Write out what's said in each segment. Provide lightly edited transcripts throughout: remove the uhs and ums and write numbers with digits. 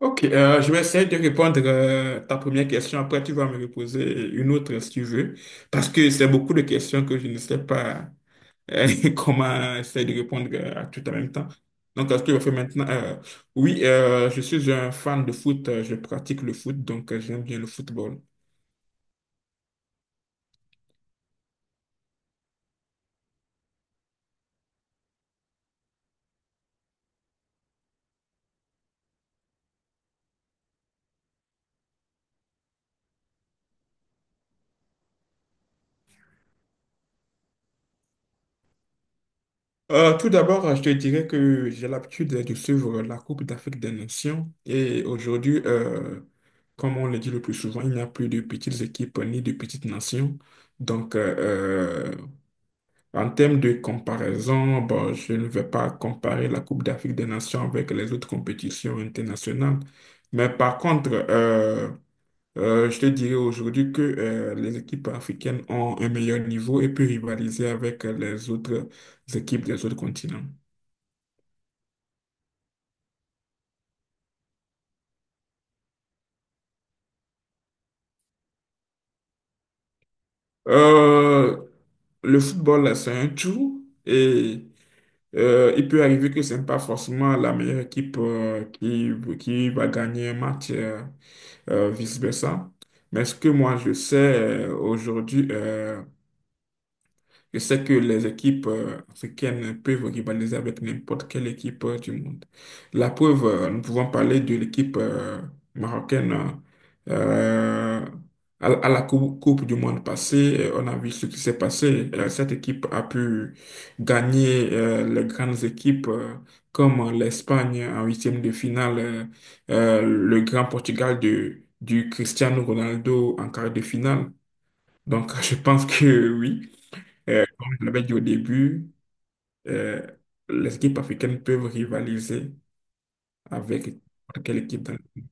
Ok, je vais essayer de répondre ta première question. Après, tu vas me reposer une autre si tu veux, parce que c'est beaucoup de questions que je ne sais pas comment essayer de répondre à tout en même temps. Donc, ce que je fais maintenant, oui, je suis un fan de foot. Je pratique le foot, donc j'aime bien le football. Tout d'abord, je te dirais que j'ai l'habitude de suivre la Coupe d'Afrique des Nations et aujourd'hui, comme on le dit le plus souvent, il n'y a plus de petites équipes ni de petites nations. Donc, euh, en termes de comparaison, bon, je ne vais pas comparer la Coupe d'Afrique des Nations avec les autres compétitions internationales. Mais par contre, je te dirais aujourd'hui que les équipes africaines ont un meilleur niveau et peuvent rivaliser avec les autres équipes des autres continents. Euh, le football, là, c'est un tout et il peut arriver que ce n'est pas forcément la meilleure équipe qui va gagner un match, vice-versa. Mais ce que moi, je sais aujourd'hui, je sais que les équipes africaines peuvent rivaliser avec n'importe quelle équipe du monde. La preuve, nous pouvons parler de l'équipe marocaine euh, à la Coupe du Monde passée. On a vu ce qui s'est passé. Cette équipe a pu gagner les grandes équipes comme l'Espagne en huitième de finale, le grand Portugal du Cristiano Ronaldo en quart de finale. Donc, je pense que oui. Comme je l'avais dit au début, euh, les équipes africaines peuvent rivaliser avec n'importe quelle équipe.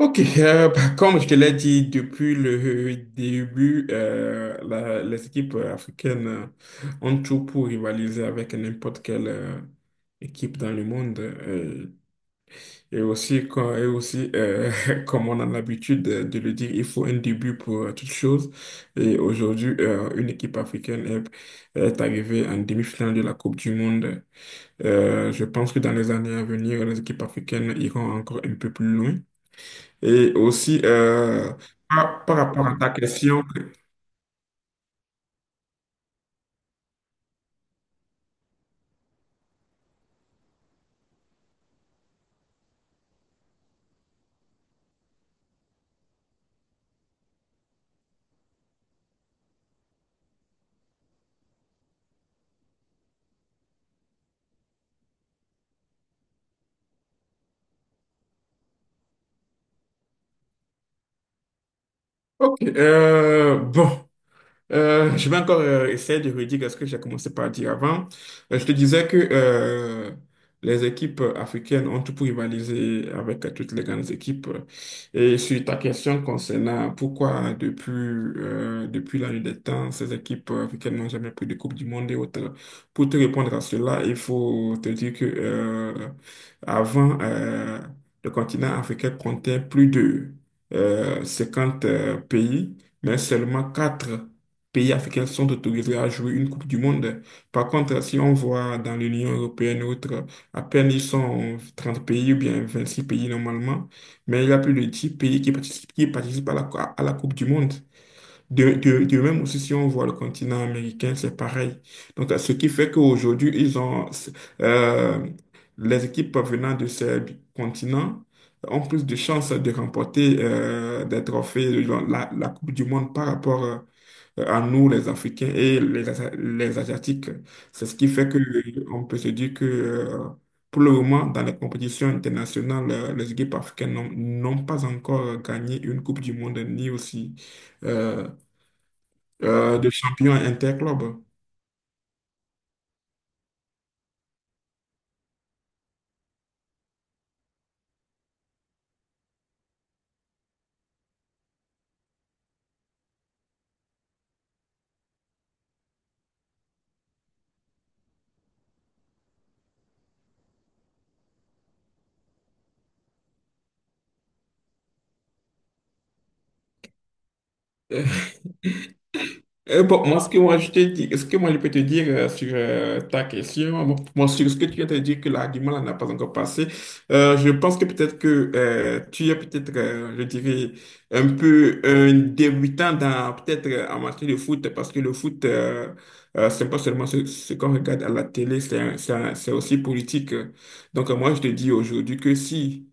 Ok, bah, comme je te l'ai dit depuis le début, les équipes africaines ont tout pour rivaliser avec n'importe quelle équipe dans le monde. Et aussi, comme on a l'habitude de le dire, il faut un début pour toute chose. Et aujourd'hui, une équipe africaine est arrivée en demi-finale de la Coupe du Monde. Je pense que dans les années à venir, les équipes africaines iront encore un peu plus loin. Et aussi, par rapport à ta question, ok, bon. Je vais encore essayer de redire ce que j'ai commencé par dire avant. Je te disais que les équipes africaines ont tout pour rivaliser avec toutes les grandes équipes. Et sur ta question concernant pourquoi depuis la nuit des temps, ces équipes africaines n'ont jamais pris de Coupe du Monde et autres, pour te répondre à cela, il faut te dire que avant, le continent africain comptait plus de 50 pays, mais seulement 4 pays africains sont autorisés à jouer une Coupe du Monde. Par contre, si on voit dans l'Union européenne ou autre, à peine ils sont 30 pays ou bien 26 pays normalement, mais il y a plus de 10 pays qui participent à la Coupe du Monde. De même aussi, si on voit le continent américain, c'est pareil. Donc, ce qui fait qu'aujourd'hui, euh, les équipes venant de ces continents ont plus de chances de remporter des trophées, de la Coupe du Monde par rapport à nous, les Africains et les Asiatiques. C'est ce qui fait que on peut se dire que pour le moment, dans les compétitions internationales, les équipes africaines n'ont pas encore gagné une Coupe du Monde ni aussi euh, de champion interclub. Bon, moi, ce que moi, je peux te dire sur ta question, bon, moi, sur ce que tu viens de dire, que l'argument là n'a pas encore passé, je pense que peut-être que tu es peut-être, je dirais, un peu un débutant dans, peut-être, en matière de foot, parce que le foot, c'est pas seulement ce qu'on regarde à la télé, c'est aussi politique. Donc, moi, je te dis aujourd'hui que si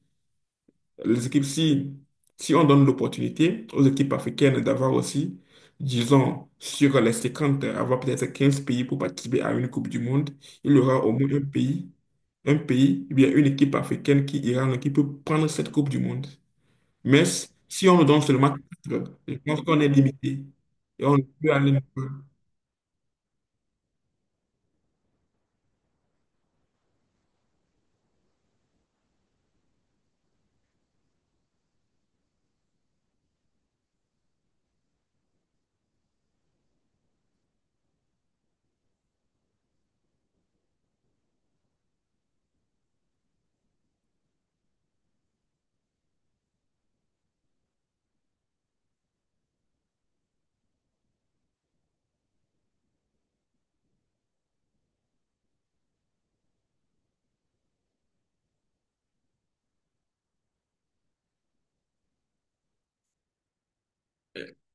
les équipes, si, on donne l'opportunité aux équipes africaines d'avoir aussi, disons, sur les 50, avoir peut-être 15 pays pour participer à une Coupe du Monde, il y aura au moins un pays, ou bien une équipe africaine qui ira, qui peut prendre cette Coupe du Monde. Mais si on nous donne seulement quatre, je pense qu'on est limité. Et on ne peut aller. Nulle part.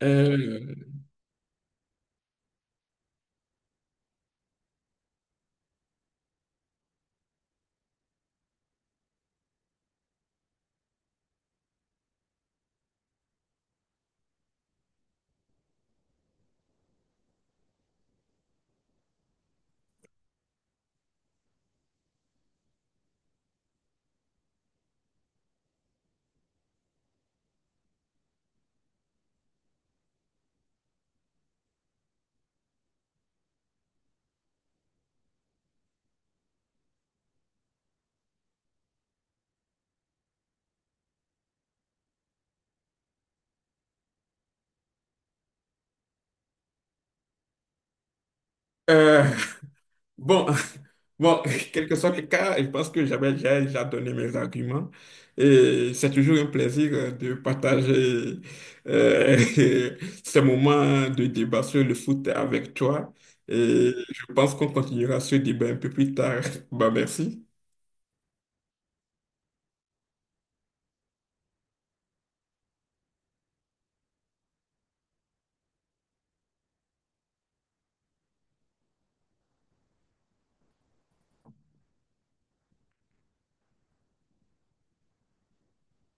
Euh, euh, Bon, bon, quel que soit le cas, je pense que j'avais déjà donné mes arguments. Et c'est toujours un plaisir de partager euh, ces moments de débat sur le foot avec toi. Et je pense qu'on continuera ce débat un peu plus tard. Bah, merci.